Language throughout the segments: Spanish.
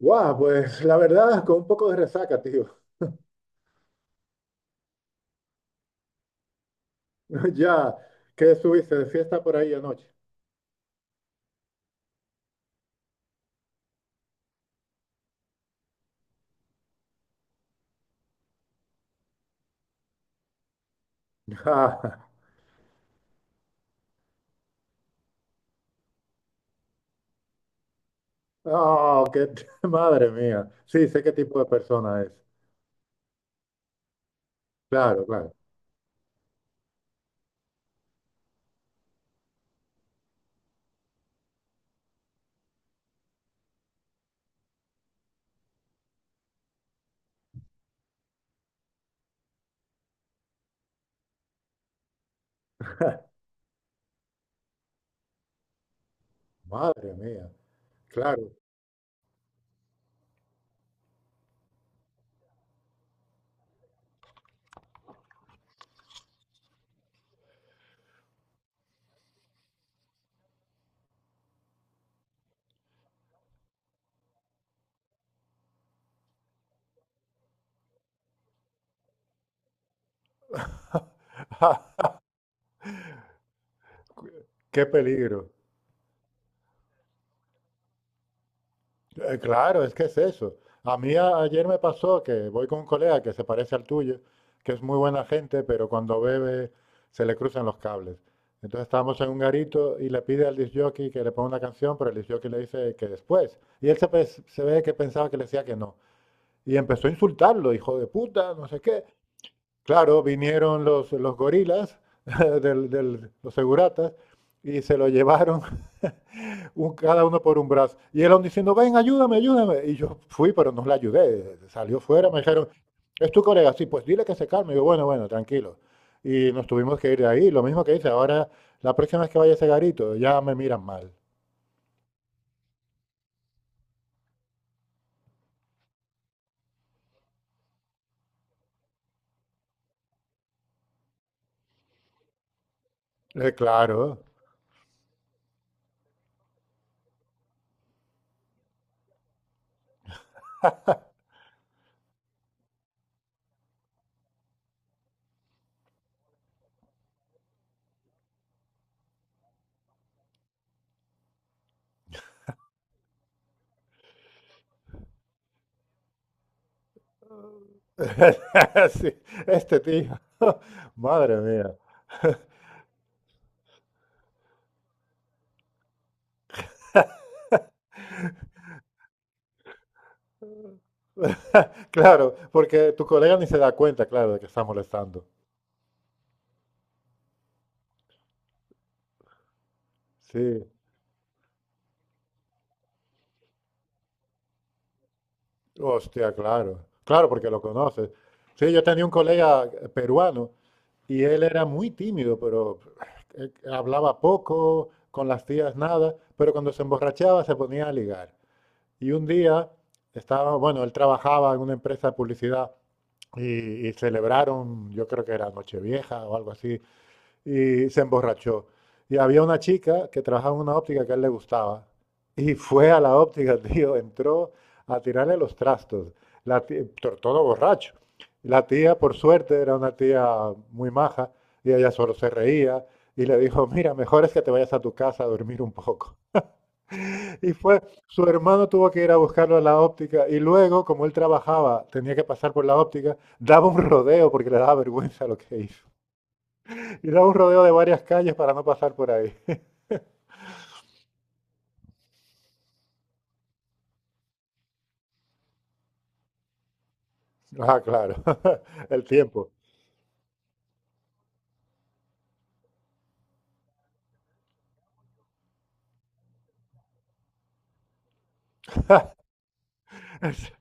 Guau, pues la verdad, con un poco de resaca, tío. Ya, ¿qué estuviste de fiesta por ahí anoche? Ah, oh, qué madre mía. Sí, sé qué tipo de persona es. Claro, claro. Madre mía, claro. Ah, qué peligro. Claro, es que es eso. A mí ayer me pasó que voy con un colega que se parece al tuyo, que es muy buena gente, pero cuando bebe se le cruzan los cables. Entonces estábamos en un garito y le pide al disc jockey que le ponga una canción, pero el disc jockey le dice que después. Y se ve que pensaba que le decía que no. Y empezó a insultarlo, hijo de puta, no sé qué. Claro, vinieron los gorilas, los seguratas, y se lo llevaron un, cada uno por un brazo. Y el hombre diciendo, ven, ayúdame, ayúdame. Y yo fui, pero no le ayudé. Salió fuera, me dijeron, es tu colega. Sí, pues dile que se calme. Y yo, bueno, bueno, tranquilo. Y nos tuvimos que ir de ahí. Lo mismo que dice, ahora la próxima vez que vaya a ese garito, ya me miran mal. Claro. Sí, este tío. Madre mía. Claro, porque tu colega ni se da cuenta, claro, de que está molestando. Sí, hostia, claro. Claro, porque lo conoces. Sí, yo tenía un colega peruano. Y él era muy tímido, pero hablaba poco, con las tías nada, pero cuando se emborrachaba se ponía a ligar. Y un día estaba, bueno, él trabajaba en una empresa de publicidad y celebraron, yo creo que era Nochevieja o algo así, y se emborrachó. Y había una chica que trabajaba en una óptica que a él le gustaba. Y fue a la óptica, tío, entró a tirarle los trastos, la tía- todo borracho. La tía, por suerte, era una tía muy maja y ella solo se reía y le dijo, mira, mejor es que te vayas a tu casa a dormir un poco. Y fue, su hermano tuvo que ir a buscarlo a la óptica y luego, como él trabajaba, tenía que pasar por la óptica, daba un rodeo porque le daba vergüenza lo que hizo. Y da un rodeo de varias calles para no pasar por ahí. Ah, claro. El tiempo. Es-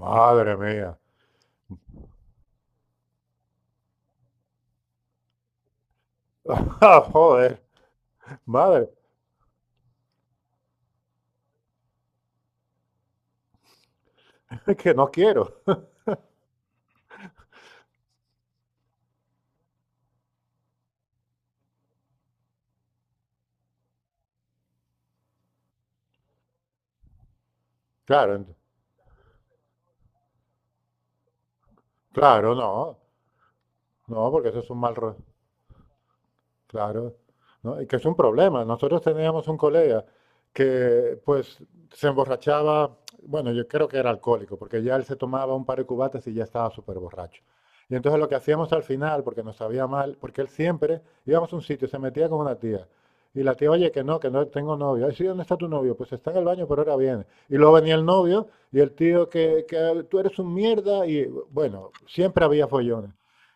Madre mía. Ah, joder. Madre. Que no quiero. Claro, claro, no. No, porque eso es un mal rodeo. Claro, ¿no? Y que es un problema. Nosotros teníamos un colega que pues se emborrachaba, bueno, yo creo que era alcohólico, porque ya él se tomaba un par de cubatas y ya estaba súper borracho. Y entonces lo que hacíamos al final, porque nos sabía mal, porque él siempre íbamos a un sitio, se metía con una tía. Y la tía, oye, que no tengo novio. Ay, sí, ¿dónde está tu novio? Pues está en el baño, pero ahora viene. Y luego venía el novio y el tío, que tú eres un mierda. Y bueno, siempre había follones.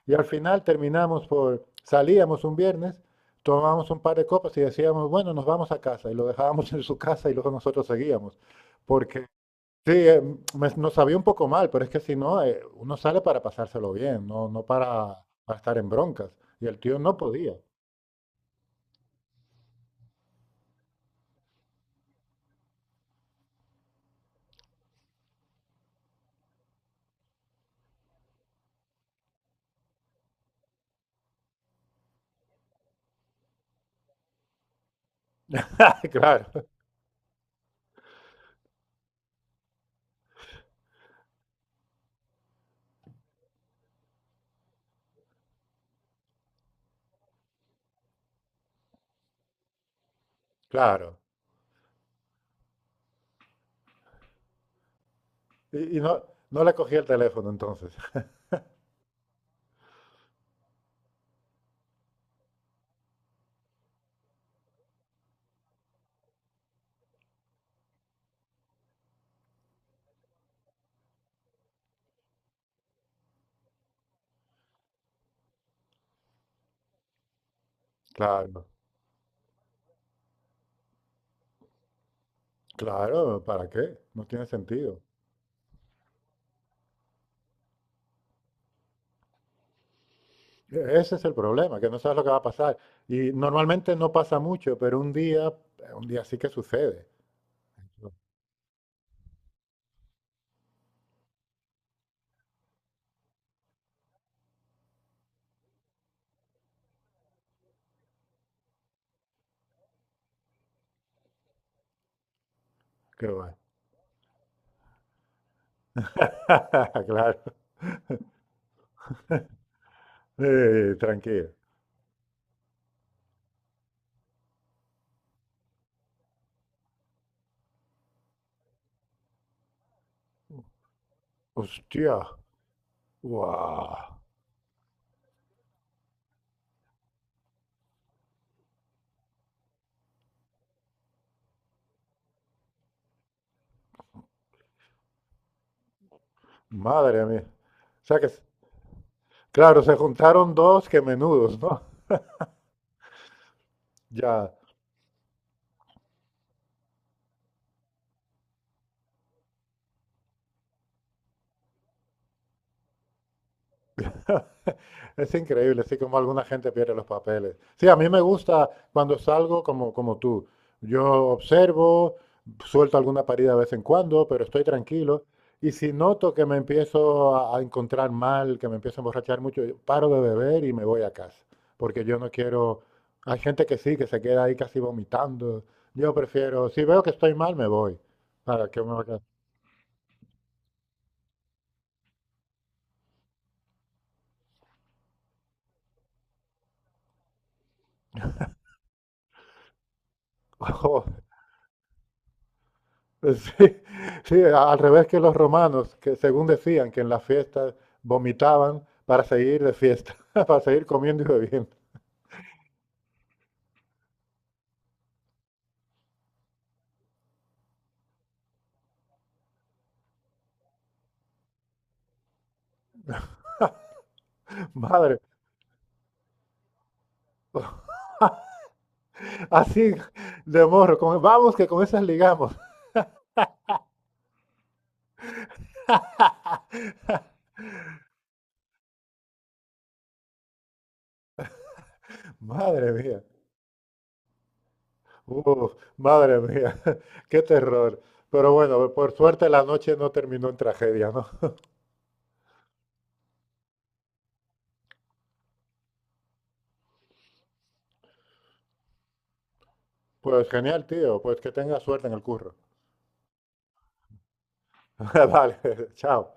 Y al final terminamos por, salíamos un viernes, tomábamos un par de copas y decíamos, bueno, nos vamos a casa. Y lo dejábamos en su casa y luego nosotros seguíamos. Porque sí, nos sabía un poco mal, pero es que si no, uno sale para pasárselo bien, no, no para estar en broncas. Y el tío no podía. Claro, claro. Y no, no le cogí el teléfono entonces. Claro, claro, ¿para qué? No tiene sentido. Ese es el problema, que no sabes lo que va a pasar. Y normalmente no pasa mucho, pero un día sí que sucede. Qué va. Claro. Tranquilo. Hostia. Guau. Madre mía. O sea que, claro, se juntaron dos que menudos, ¿no? Ya. Es increíble, así como alguna gente pierde los papeles. Sí, a mí me gusta cuando salgo como, como tú. Yo observo, suelto alguna parida de vez en cuando, pero estoy tranquilo. Y si noto que me empiezo a encontrar mal, que me empiezo a emborrachar mucho, yo paro de beber y me voy a casa. Porque yo no quiero... Hay gente que sí, que se queda ahí casi vomitando. Yo prefiero, si veo que estoy mal, me voy. ¿Para qué me voy a quedar? Pues sí, sí, al revés que los romanos, que según decían que en las fiestas vomitaban para seguir de fiesta, para seguir comiendo y bebiendo. Madre, así de morro, vamos que con esas ligamos. Madre mía, uf, madre mía, qué terror. Pero bueno, por suerte la noche no terminó en tragedia, ¿no? Pues genial, tío, pues que tengas suerte en el curro. Vale, chao.